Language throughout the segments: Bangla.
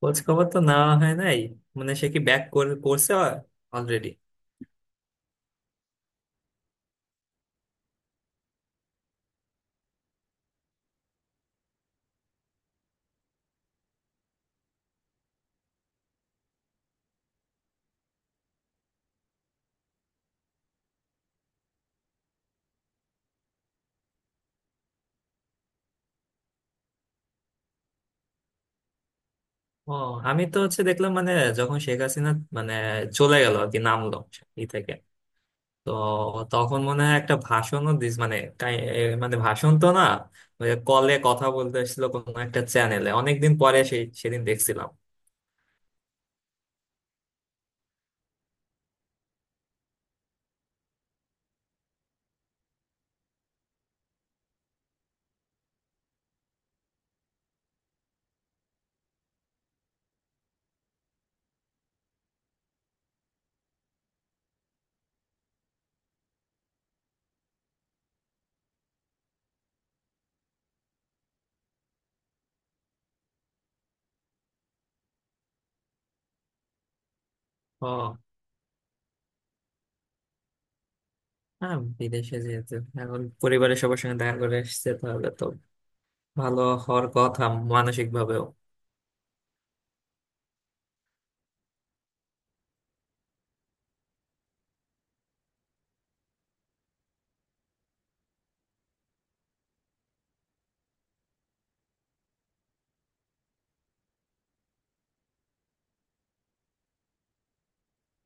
খোঁজ খবর তো নেওয়া হয় নাই। মানে সে কি ব্যাক করছে অলরেডি? ও, আমি তো হচ্ছে দেখলাম মানে যখন শেখ হাসিনা মানে চলে গেল আর কি, নামলো ই থেকে, তো তখন মনে হয় একটা ভাষণও দিস, মানে কাই- এ মানে ভাষণ তো না, ওই কলে কথা বলতে এসেছিল কোনো একটা চ্যানেলে, অনেকদিন পরে সেদিন দেখছিলাম। ও হ্যাঁ, বিদেশে যেহেতু এখন পরিবারের সবার সঙ্গে দেখা করে এসেছে তাহলে তো ভালো হওয়ার কথা, মানসিক ভাবেও।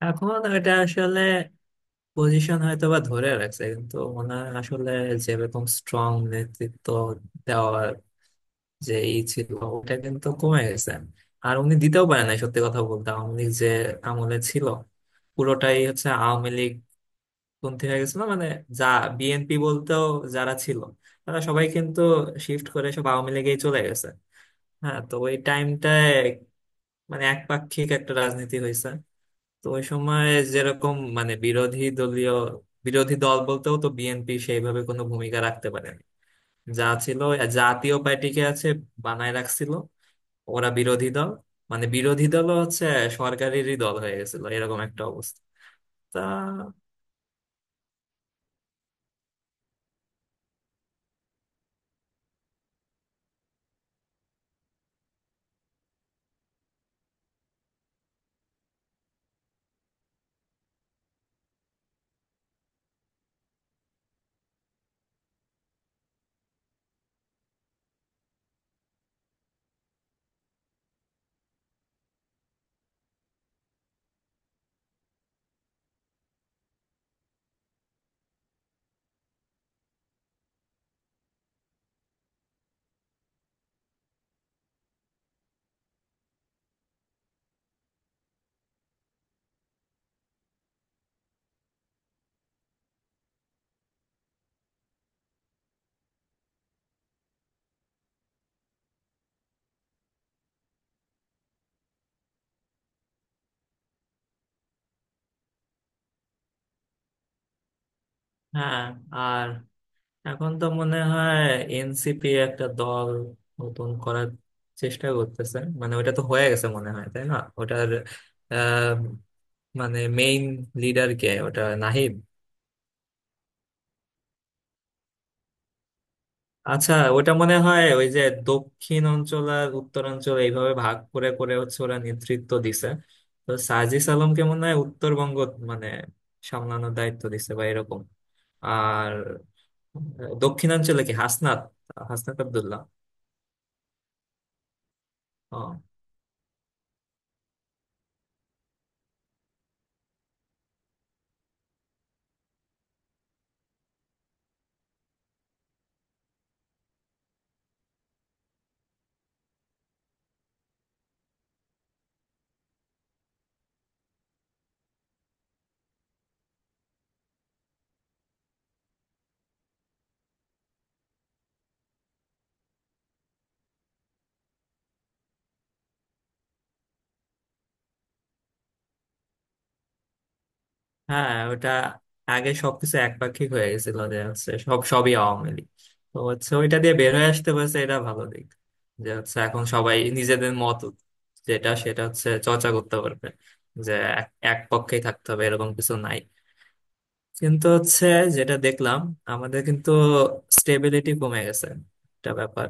এখন এটা আসলে পজিশন হয়তো বা ধরে রাখছে, কিন্তু ওনার আসলে যেরকম স্ট্রং নেতৃত্ব দেওয়ার যে ই ছিল, ওটা কিন্তু কমে গেছে। আর উনি দিতেও পারে না। সত্যি কথা বলতে, আওয়ামী লীগ যে আমলে ছিল, পুরোটাই হচ্ছে আওয়ামী লীগ পন্থী হয়ে গেছিল। মানে যা বিএনপি বলতেও যারা ছিল, তারা সবাই কিন্তু শিফট করে সব আওয়ামী লীগেই চলে গেছে। হ্যাঁ, তো ওই টাইমটায় মানে একপাক্ষিক একটা রাজনীতি হয়েছে। তো ওই সময় যেরকম মানে বিরোধী দলীয়, বিরোধী দল বলতেও তো বিএনপি সেইভাবে কোনো ভূমিকা রাখতে পারেনি। যা ছিল, জাতীয় পার্টিকে আছে বানায় রাখছিল, ওরা বিরোধী দল। মানে বিরোধী দলও হচ্ছে সরকারেরই দল হয়ে গেছিল, এরকম একটা অবস্থা। তা হ্যাঁ। আর এখন তো মনে হয় এনসিপি একটা দল নতুন করার চেষ্টা করতেছে, মানে ওটা তো হয়ে গেছে মনে হয়, তাই না ওটার? আহ মানে মেইন লিডার কে, ওটা নাহিদ? আচ্ছা, ওটা মনে হয় ওই যে দক্ষিণ অঞ্চল আর উত্তরাঞ্চল এইভাবে ভাগ করে করে হচ্ছে ওরা নেতৃত্ব দিছে। তো সাজিস আলমকে মনে হয় উত্তরবঙ্গ মানে সামলানোর দায়িত্ব দিছে বা এরকম। আর দক্ষিণাঞ্চলে কি হাসনাত, হাসনাত আব্দুল্লাহ। হ্যাঁ, ওটা আগে সবকিছু একপাক্ষিক হয়ে গেছিল, যে হচ্ছে সব সবই আওয়ামী লীগ। তো হচ্ছে ওইটা দিয়ে বের হয়ে আসতে পারছে, এটা ভালো দিক। যে হচ্ছে এখন সবাই নিজেদের মত যেটা সেটা হচ্ছে চর্চা করতে পারবে, যে এক এক পক্ষেই থাকতে হবে এরকম কিছু নাই। কিন্তু হচ্ছে যেটা দেখলাম, আমাদের কিন্তু স্টেবিলিটি কমে গেছে, একটা ব্যাপার।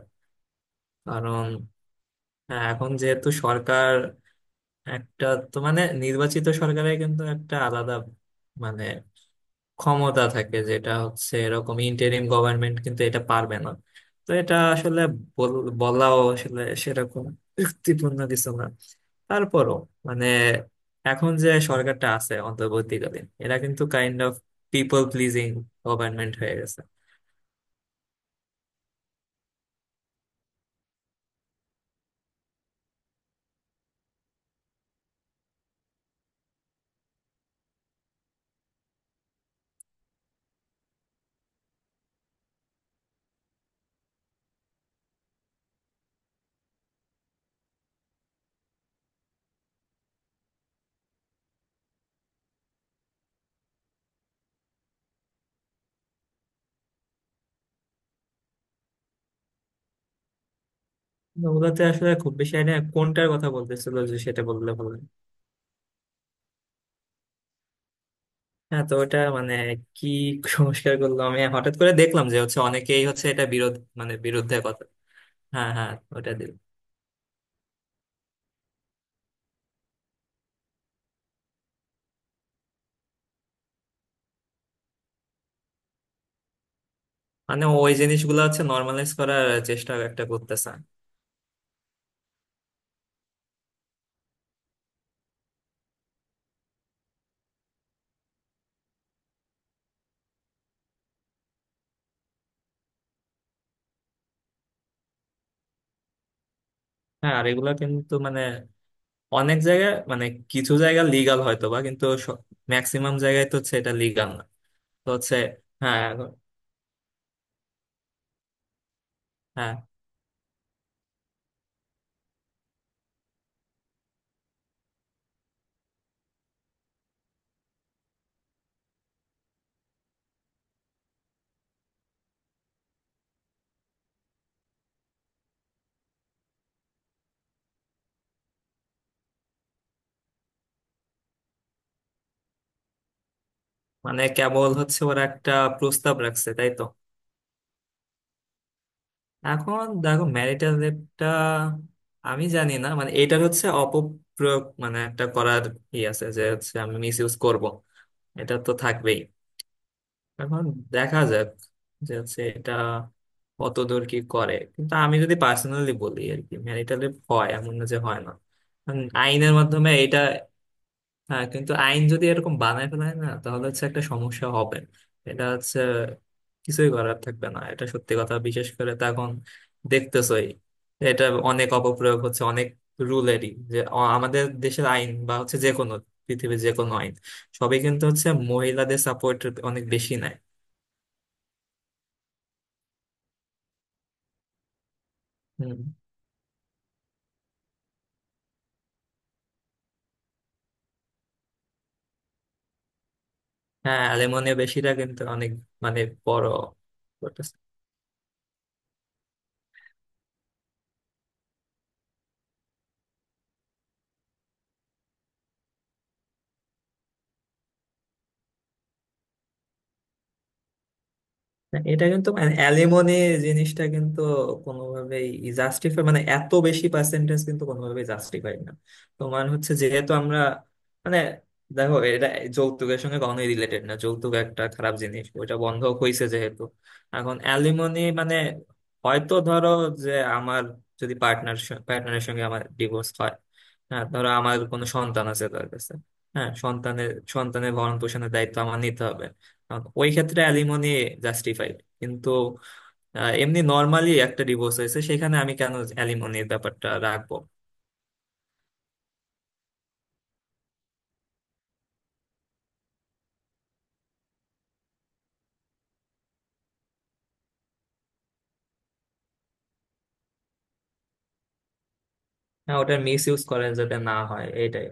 কারণ হ্যাঁ, এখন যেহেতু সরকার একটা, তো মানে নির্বাচিত সরকারের কিন্তু একটা আলাদা মানে ক্ষমতা থাকে, যেটা হচ্ছে এরকম ইন্টারিম গভর্নমেন্ট কিন্তু এটা পারবে না। তো এটা আসলে বলাও আসলে সেরকম যুক্তিপূর্ণ কিছু না। তারপরও মানে এখন যে সরকারটা আছে অন্তর্বর্তীকালীন, এরা কিন্তু kind of people pleasing government হয়ে গেছে। তো ওগুলোতে আসলে খুব বেশি আইডিয়া, কোনটার কথা বলতেছিল যে সেটা বললে ভালো হয়। হ্যাঁ তো ওটা মানে কি সংস্কার করলো, আমি হঠাৎ করে দেখলাম যে হচ্ছে অনেকেই হচ্ছে এটা বিরোধ, মানে বিরুদ্ধে কথা। হ্যাঁ হ্যাঁ, ওটা দিল মানে ওই জিনিসগুলো হচ্ছে নর্মালাইজ করার চেষ্টা একটা করতেছে। হ্যাঁ, আর এগুলা কিন্তু মানে অনেক জায়গায় মানে কিছু জায়গা লিগাল হয়তো বা, কিন্তু ম্যাক্সিমাম জায়গায় তো হচ্ছে এটা লিগাল না। তো হচ্ছে হ্যাঁ এখন-। হ্যাঁ মানে কেবল হচ্ছে ওরা একটা প্রস্তাব রাখছে, তাই তো? এখন দেখো ম্যারিটাল রেপটা আমি জানি না, মানে এটার হচ্ছে অপপ্রয়োগ মানে একটা করার ই আছে, যে হচ্ছে আমি মিস ইউজ করবো। এটা তো থাকবেই। এখন দেখা যাক যে হচ্ছে এটা কতদূর কি করে। কিন্তু আমি যদি পার্সোনালি বলি আর কি, ম্যারিটাল রেপ হয়, এমন না যে হয় না। কারণ আইনের মাধ্যমে এটা, হ্যাঁ, কিন্তু আইন যদি এরকম বানায় ফেলায় না, তাহলে হচ্ছে একটা সমস্যা হবে। এটা হচ্ছে কিছুই করার থাকবে না, এটা সত্যি কথা। বিশেষ করে তো এখন দেখতেছই এটা অনেক অপপ্রয়োগ হচ্ছে অনেক রুলেরই। যে আমাদের দেশের আইন বা হচ্ছে যে কোনো পৃথিবীর যে কোনো আইন, সবই কিন্তু হচ্ছে মহিলাদের সাপোর্ট অনেক বেশি নেয়। হম। হ্যাঁ, অ্যালুমিনিয়াম বেশিটা কিন্তু অনেক, মানে বড়। না, এটা কিন্তু মানে অ্যালিমনি জিনিসটা কিন্তু কোনোভাবেই জাস্টিফাই, মানে এত বেশি পার্সেন্টেজ কিন্তু কোনোভাবেই জাস্টিফাই না। তোমার হচ্ছে যেহেতু আমরা মানে দেখো, এটা যৌতুকের সঙ্গে কখনোই রিলেটেড না, যৌতুক একটা খারাপ জিনিস, ওইটা বন্ধ হয়েছে যেহেতু। এখন অ্যালিমনি মানে হয়তো ধরো যে আমার যদি পার্টনার, পার্টনারের সঙ্গে আমার ডিভোর্স হয়, হ্যাঁ ধরো আমার কোনো সন্তান আছে তার কাছে, হ্যাঁ সন্তানের সন্তানের ভরণ পোষণের দায়িত্ব আমার নিতে হবে, কারণ ওই ক্ষেত্রে অ্যালিমনি জাস্টিফাইড। কিন্তু এমনি নর্মালি একটা ডিভোর্স হয়েছে, সেখানে আমি কেন অ্যালিমনির ব্যাপারটা রাখবো? হ্যাঁ, ওটার মিস ইউজ করা যাতে না হয় এটাই।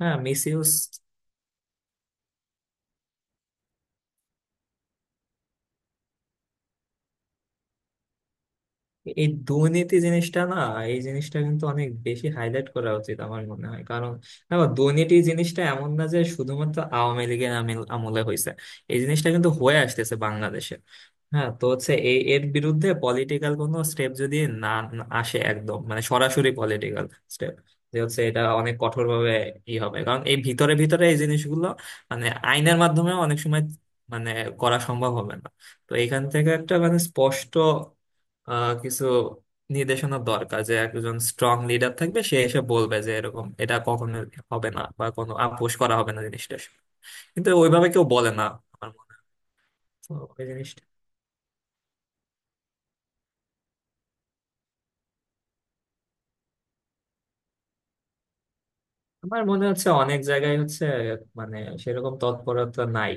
হ্যাঁ, মিস ইউজ। এই দুর্নীতি জিনিসটা না, এই জিনিসটা কিন্তু অনেক বেশি হাইলাইট করা উচিত আমার মনে হয়। কারণ দেখো, দুর্নীতি জিনিসটা এমন না যে শুধুমাত্র আওয়ামী লীগের আমলে হয়েছে, এই জিনিসটা কিন্তু হয়ে আসতেছে বাংলাদেশে। হ্যাঁ তো হচ্ছে এই এর বিরুদ্ধে পলিটিক্যাল কোনো স্টেপ যদি না না আসে একদম, মানে সরাসরি পলিটিক্যাল স্টেপ, যে হচ্ছে এটা অনেক কঠোর ভাবে ই হবে, কারণ এই ভিতরে ভিতরে এই জিনিসগুলো মানে আইনের মাধ্যমে অনেক সময় মানে করা সম্ভব হবে না। তো এখান থেকে একটা মানে স্পষ্ট কিছু নির্দেশনা দরকার, যে একজন স্ট্রং লিডার থাকবে, সে এসে বলবে যে এরকম এটা কখনো হবে না বা কোনো আপোষ করা হবে না, জিনিসটা। কিন্তু ওইভাবে কেউ বলে না আমার মনে হয়। তো ওই জিনিসটা আমার মনে হচ্ছে অনেক জায়গায় হচ্ছে মানে সেরকম তৎপরতা নাই।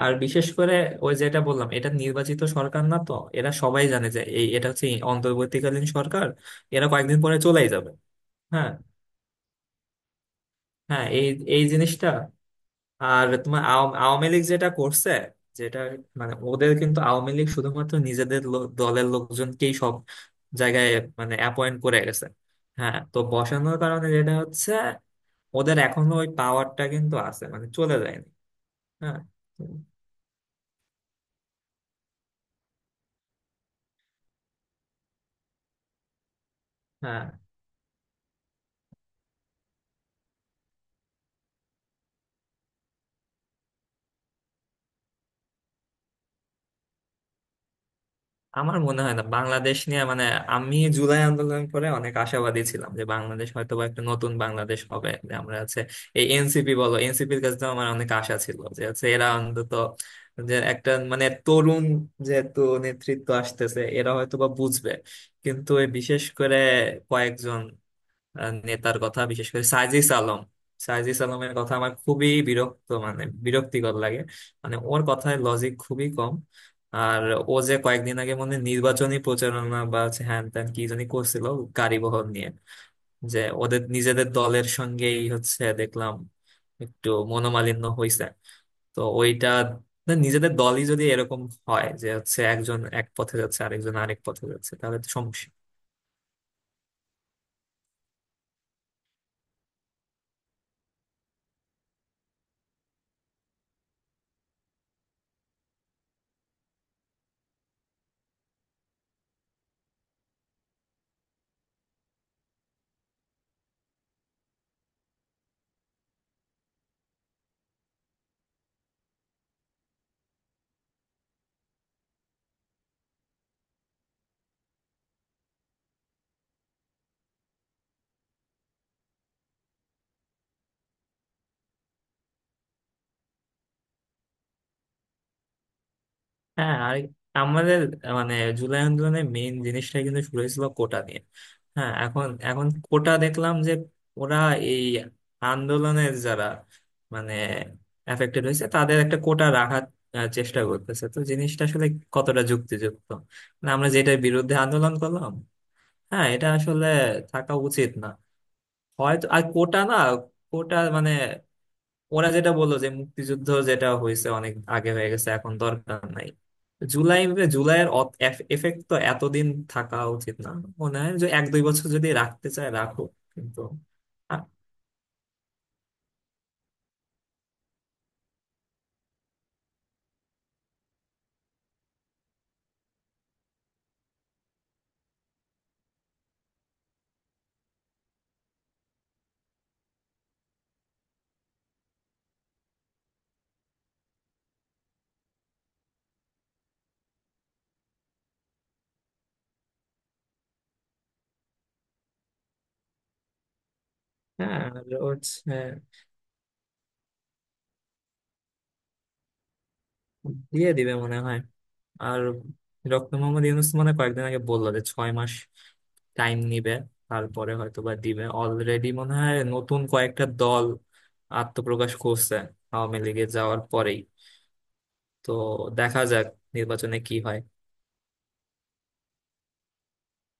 আর বিশেষ করে ওই যেটা বললাম, এটা নির্বাচিত সরকার না, তো এরা সবাই জানে যে এই এটা হচ্ছে অন্তর্বর্তীকালীন সরকার, এরা কয়েকদিন পরে চলেই যাবে। হ্যাঁ হ্যাঁ, এই এই জিনিসটা। আর তোমার আওয়ামী লীগ যেটা করছে, যেটা মানে ওদের কিন্তু আওয়ামী লীগ শুধুমাত্র নিজেদের দলের লোকজনকেই সব জায়গায় মানে অ্যাপয়েন্ট করে গেছে। হ্যাঁ, তো বসানোর কারণে যেটা হচ্ছে, ওদের এখনো ওই পাওয়ারটা কিন্তু আছে, মানে চলে যায়নি। হ্যাঁ হ্যাঁ, আমার মনে হয় না। বাংলাদেশ নিয়ে মানে আমি জুলাই আন্দোলন করে অনেক আশাবাদী ছিলাম যে বাংলাদেশ হয়তো বা একটা নতুন বাংলাদেশ হবে, যে আমরা আছে। এই এনসিপি বলো, এনসিপির কাছে তো আমার অনেক আশা ছিল, যে আছে এরা অন্তত যে একটা মানে তরুণ যেহেতু নেতৃত্ব আসতেছে, এরা হয়তো বা বুঝবে। কিন্তু বিশেষ করে কয়েকজন নেতার কথা, বিশেষ করে সাইজিস আলম, সাইজিস আলমের কথা আমার খুবই বিরক্ত, মানে বিরক্তিকর লাগে। মানে ওর কথায় লজিক খুবই কম। আর ও যে কয়েকদিন আগে মনে হয় নির্বাচনী প্রচারণা বা হচ্ছে হ্যান ত্যান কি জানি করছিল গাড়ি বহর নিয়ে, যে ওদের নিজেদের দলের সঙ্গেই হচ্ছে দেখলাম একটু মনোমালিন্য হয়েছে। তো ওইটা, না, নিজেদের দলই যদি এরকম হয় যে হচ্ছে একজন এক পথে যাচ্ছে আরেকজন আরেক পথে যাচ্ছে, তাহলে তো সমস্যা। হ্যাঁ, আর আমাদের মানে জুলাই আন্দোলনের মেইন জিনিসটা কিন্তু শুরু হয়েছিল কোটা নিয়ে। হ্যাঁ, এখন এখন কোটা দেখলাম যে ওরা এই আন্দোলনের যারা মানে এফেক্টেড হয়েছে তাদের একটা কোটা রাখার চেষ্টা করতেছে। তো জিনিসটা আসলে কতটা যুক্তিযুক্ত, মানে আমরা যেটার বিরুদ্ধে আন্দোলন করলাম! হ্যাঁ এটা আসলে থাকা উচিত না। হয়তো আর কোটা না, কোটা মানে ওরা যেটা বললো যে মুক্তিযুদ্ধ যেটা হয়েছে অনেক আগে হয়ে গেছে এখন দরকার নাই, জুলাই জুলাইয়ের এফেক্ট তো এতদিন থাকা উচিত না। মনে হয় যে এক দুই বছর যদি রাখতে চায় রাখো, কিন্তু আ-। হ্যাঁ, আর হচ্ছে দিয়ে দিবে মনে হয়। আর ডক্টর মোহাম্মদ ইউনূস মানে কয়েকদিন আগে বললো যে 6 মাস টাইম নিবে, তারপরে হয়তো বা দিবে। অলরেডি মনে হয় নতুন কয়েকটা দল আত্মপ্রকাশ করছে আওয়ামী লীগে যাওয়ার পরেই। তো দেখা যাক নির্বাচনে কি হয়।